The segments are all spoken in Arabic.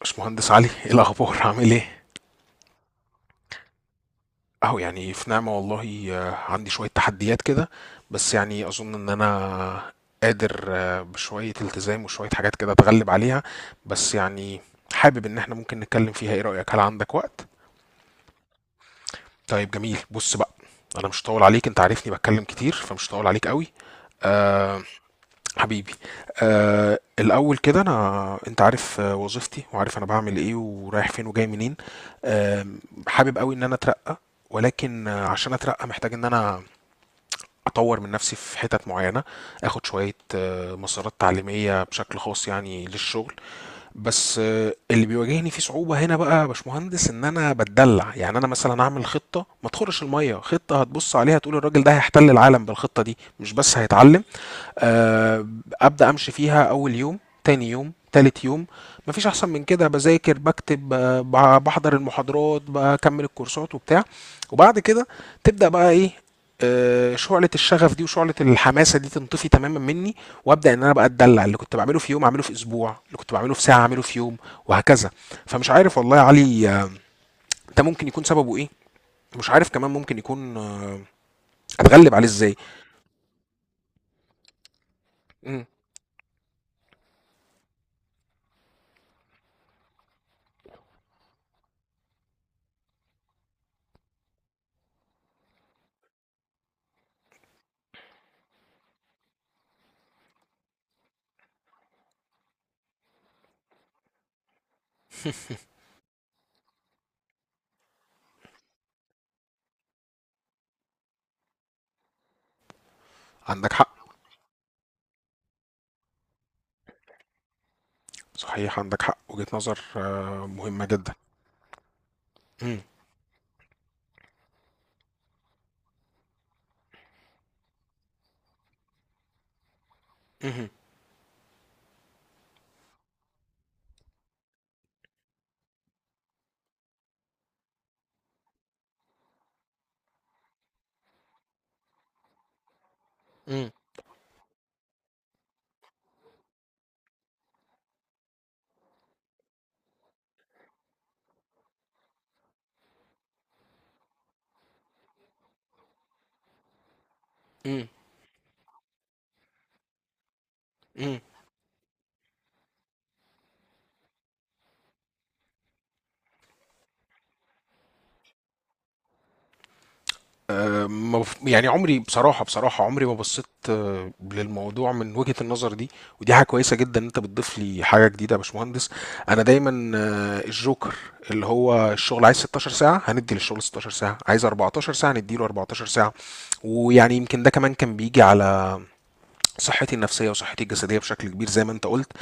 باشمهندس علي، ايه الاخبار؟ عامل ايه؟ اهو يعني في نعمة والله. عندي شوية تحديات كده. بس يعني اظن ان انا قادر، بشوية التزام وشوية حاجات كده اتغلب عليها. بس يعني حابب ان احنا ممكن نتكلم فيها. ايه رأيك؟ هل عندك وقت؟ طيب جميل. بص بقى، انا مش هطول عليك، انت عارفني بتكلم كتير فمش هطول عليك قوي. حبيبي. الاول كده انا انت عارف، وظيفتي وعارف انا بعمل ايه ورايح فين وجاي منين. آه حابب قوي ان انا اترقى. ولكن عشان اترقى محتاج ان انا اطور من نفسي في حتت معينه، اخد شويه مسارات تعليميه بشكل خاص يعني للشغل. بس اللي بيواجهني فيه صعوبه هنا بقى يا باشمهندس ان انا بتدلع. يعني انا مثلا اعمل خطه ما تخرش الميه، خطه هتبص عليها تقول الراجل ده هيحتل العالم بالخطه دي مش بس هيتعلم. آه، ابدا امشي فيها اول يوم، تاني يوم، تالت يوم، مفيش احسن من كده، بذاكر، بكتب، بحضر المحاضرات، بكمل الكورسات وبتاع. وبعد كده تبدا بقى ايه؟ شعلة الشغف دي وشعلة الحماسة دي تنطفي تماما مني. وابدا ان انا بقى اتدلع، اللي كنت بعمله في يوم اعمله في اسبوع، اللي كنت بعمله في ساعة اعمله في يوم، وهكذا. فمش عارف والله يا علي، ده ممكن يكون سببه ايه، مش عارف كمان ممكن يكون اتغلب عليه ازاي. مم، عندك حق. صحيح عندك حق، وجهة نظر مهمة جدا. مم. مم. مم. مم. مم. آه، ما بف- يعني عمري بصراحة، بصراحة عمري ما بصيت للموضوع من وجهة النظر دي. ودي حاجة كويسة جدا ان انت بتضيف لي حاجة جديدة يا باشمهندس. انا دايما الجوكر، اللي هو الشغل عايز 16 ساعة هندي للشغل 16 ساعة، عايز 14 ساعة نديله 14 ساعة. ويعني يمكن ده كمان كان بيجي على صحتي النفسية وصحتي الجسدية بشكل كبير زي ما انت قلت.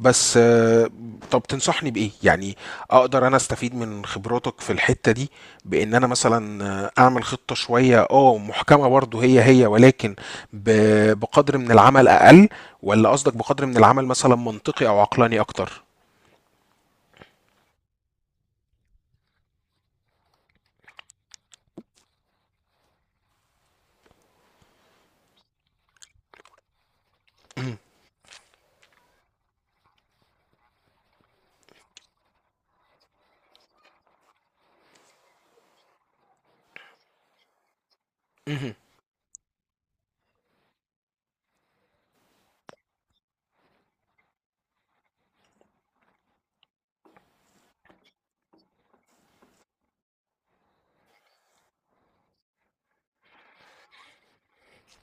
بس طب تنصحني بإيه؟ يعني أقدر أنا أستفيد من خبراتك في الحتة دي، بإن أنا مثلا أعمل خطة شوية محكمة برضه، هي هي ولكن بقدر من العمل أقل. ولا قصدك بقدر من العمل مثلا منطقي أو عقلاني أكتر؟ مهم.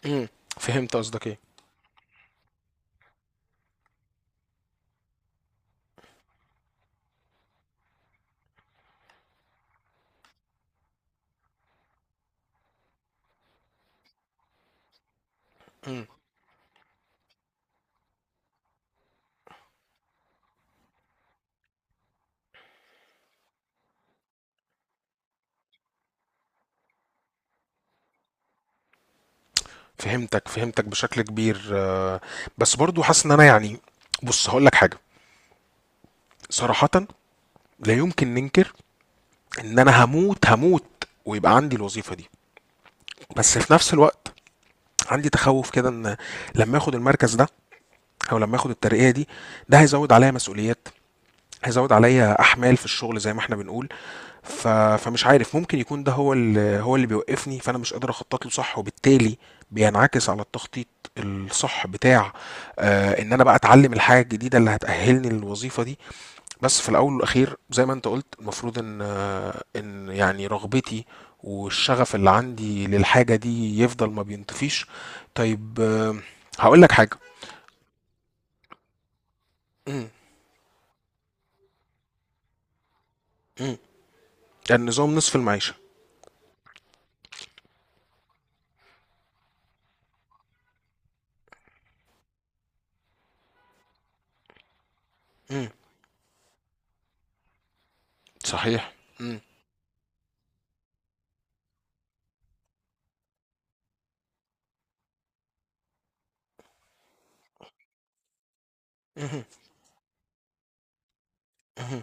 مم. فهمت قصدك إيه؟ مم. فهمتك، فهمتك بشكل كبير، بس برضو حاسس ان انا يعني، بص هقول لك حاجه. صراحه، لا يمكن ننكر ان انا هموت هموت ويبقى عندي الوظيفه دي. بس في نفس الوقت عندي تخوف كده ان لما اخد المركز ده، او لما اخد الترقية دي، ده هيزود عليا مسؤوليات، هيزود عليا احمال في الشغل زي ما احنا بنقول. فمش عارف، ممكن يكون ده هو اللي بيوقفني، فانا مش قادر اخطط له صح وبالتالي بينعكس على التخطيط الصح بتاع ان انا بقى اتعلم الحاجة الجديدة اللي هتأهلني للوظيفة دي. بس في الاول والاخير زي ما انت قلت المفروض ان يعني رغبتي والشغف اللي عندي للحاجه دي يفضل ما بينطفيش. طيب هقول لك حاجه. مم، مم. النظام نصف المعيشه. مم، صحيح. مم، مهم، مهم.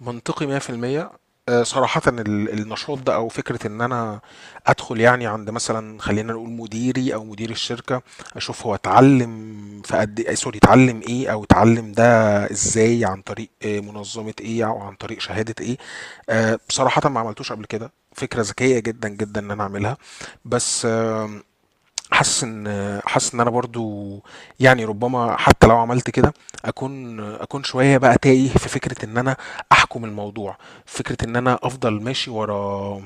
منطقي 100%. صراحة النشاط ده أو فكرة إن أنا أدخل يعني عند مثلا، خلينا نقول مديري أو مدير الشركة، أشوف هو اتعلم في قد إيه، سوري اتعلم إيه أو اتعلم ده إزاي، عن طريق منظمة إيه أو عن طريق شهادة إيه. بصراحة ما عملتوش قبل كده، فكرة ذكية جدا جدا إن أنا أعملها. بس حاسس ان انا برضو يعني، ربما حتى لو عملت كده اكون، شويه بقى تايه في فكره ان انا احكم الموضوع، فكره ان انا افضل ماشي ورا،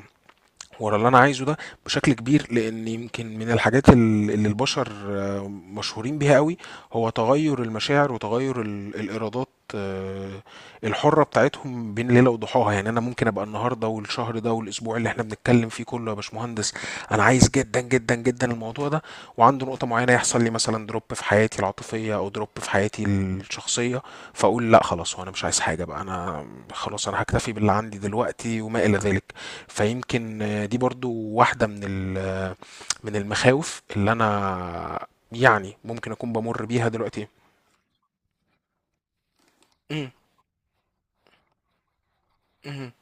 اللي انا عايزه ده بشكل كبير. لان يمكن من الحاجات اللي البشر مشهورين بيها قوي هو تغير المشاعر وتغير الارادات آه، الحرة بتاعتهم بين ليلة وضحاها. يعني انا ممكن ابقى النهاردة والشهر ده والاسبوع اللي احنا بنتكلم فيه كله يا باشمهندس انا عايز جدا جدا جدا الموضوع ده، وعنده نقطة معينة يحصل لي مثلا دروب في حياتي العاطفية او دروب في حياتي الشخصية فاقول لا خلاص وانا مش عايز حاجة بقى، انا خلاص انا هكتفي باللي عندي دلوقتي وما الى ذلك. فيمكن دي برضو واحدة من من المخاوف اللي أنا يعني ممكن أكون بمر بيها دلوقتي. مم. مم.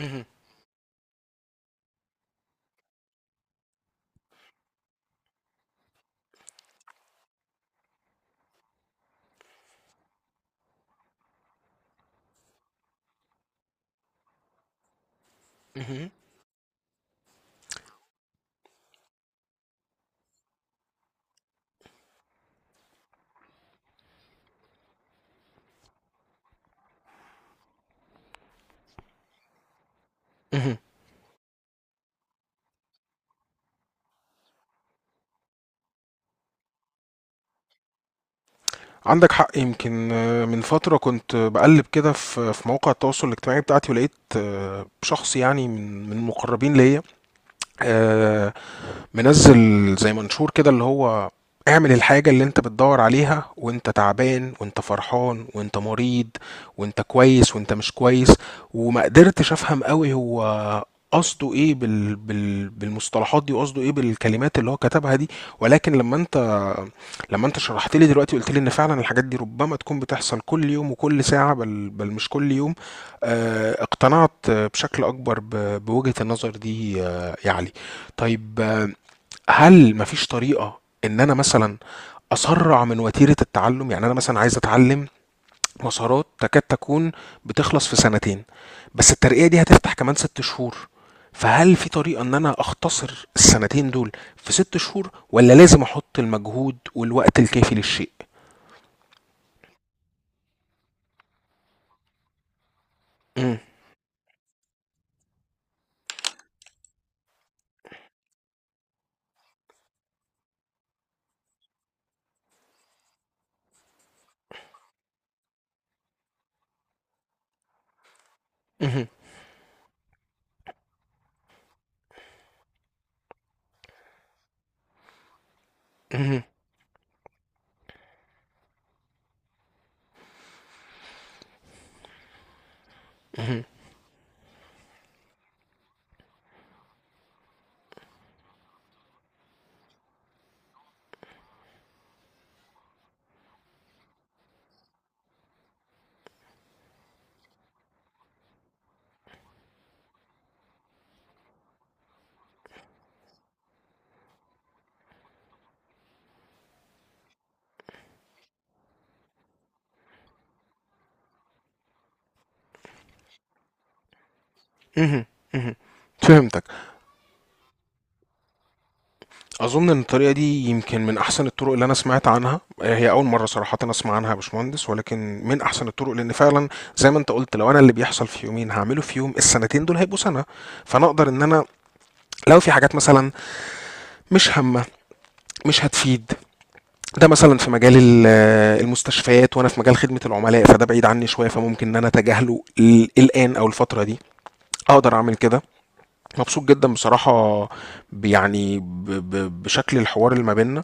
مم. مم. مم. عندك حق يمكن، من فترة كنت بقلب كده في مواقع التواصل الاجتماعي بتاعتي ولقيت شخص يعني من المقربين ليا، آه، منزل زي منشور كده اللي هو: اعمل الحاجة اللي انت بتدور عليها وانت تعبان وانت فرحان وانت مريض وانت كويس وانت مش كويس. وما قدرتش افهم قوي هو قصده ايه بالمصطلحات دي وقصده ايه بالكلمات اللي هو كتبها دي. ولكن لما انت، شرحت لي دلوقتي وقلت لي ان فعلا الحاجات دي ربما تكون بتحصل كل يوم وكل ساعة، بل مش كل يوم، اقتنعت بشكل اكبر بوجهة النظر دي يا علي. طيب هل مفيش طريقة إن أنا مثلًا أسرّع من وتيرة التعلُّم؟ يعني أنا مثلًا عايز أتعلِّم مسارات تكاد تكون بتخلص في سنتين، بس الترقية دي هتفتح كمان 6 شهور، فهل في طريقة إن أنا أختصر السنتين دول في 6 شهور والّا لازم أحُط المجهود والوقت الكافي للشيء؟ إمم، اهم، اهم، اهم، اهم، اهم، فهمتك. اظن ان الطريقه دي يمكن من احسن الطرق اللي انا سمعت عنها، هي اول مره صراحه انا اسمع عنها يا باشمهندس، ولكن من احسن الطرق لان فعلا زي ما انت قلت لو انا اللي بيحصل في يومين هعمله في يوم السنتين دول هيبقوا سنه. فانا اقدر ان انا لو في حاجات مثلا مش هامه مش هتفيد، ده مثلا في مجال المستشفيات وانا في مجال خدمه العملاء فده بعيد عني شويه، فممكن ان انا اتجاهله الان او الفتره دي، اقدر اعمل كده. مبسوط جدا بصراحه، بشكل الحوار اللي ما بيننا.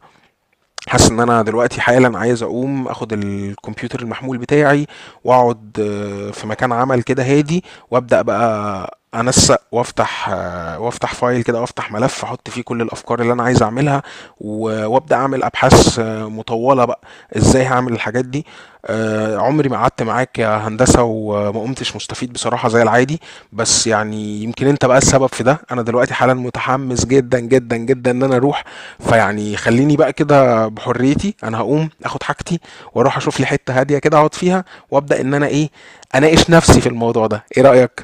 حاسس ان انا دلوقتي حالا عايز اقوم اخد الكمبيوتر المحمول بتاعي، واقعد في مكان عمل كده هادي، وابدا بقى انسق وافتح، وافتح فايل كده وافتح ملف احط فيه كل الافكار اللي انا عايز اعملها، وابدا اعمل ابحاث مطوله بقى ازاي هعمل الحاجات دي. عمري ما قعدت معاك يا هندسه وما قمتش مستفيد بصراحه زي العادي. بس يعني يمكن انت بقى السبب في ده، انا دلوقتي حالا متحمس جدا جدا جدا ان انا اروح. فيعني خليني بقى كده بحريتي، انا هقوم اخد حاجتي واروح اشوف لي حته هاديه كده اقعد فيها وابدا ان انا ايه، اناقش نفسي في الموضوع ده. ايه رايك؟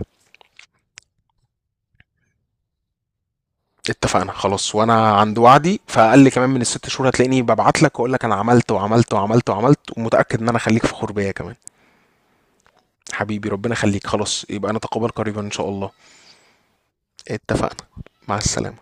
اتفقنا خلاص، وانا عند وعدي، فاقل كمان من الست شهور هتلاقيني ببعت لك واقول لك انا عملت وعملت وعملت وعملت ومتاكد ان انا خليك فخور بيا كمان. حبيبي ربنا يخليك. خلاص يبقى نتقابل قريبا ان شاء الله. اتفقنا. مع السلامه.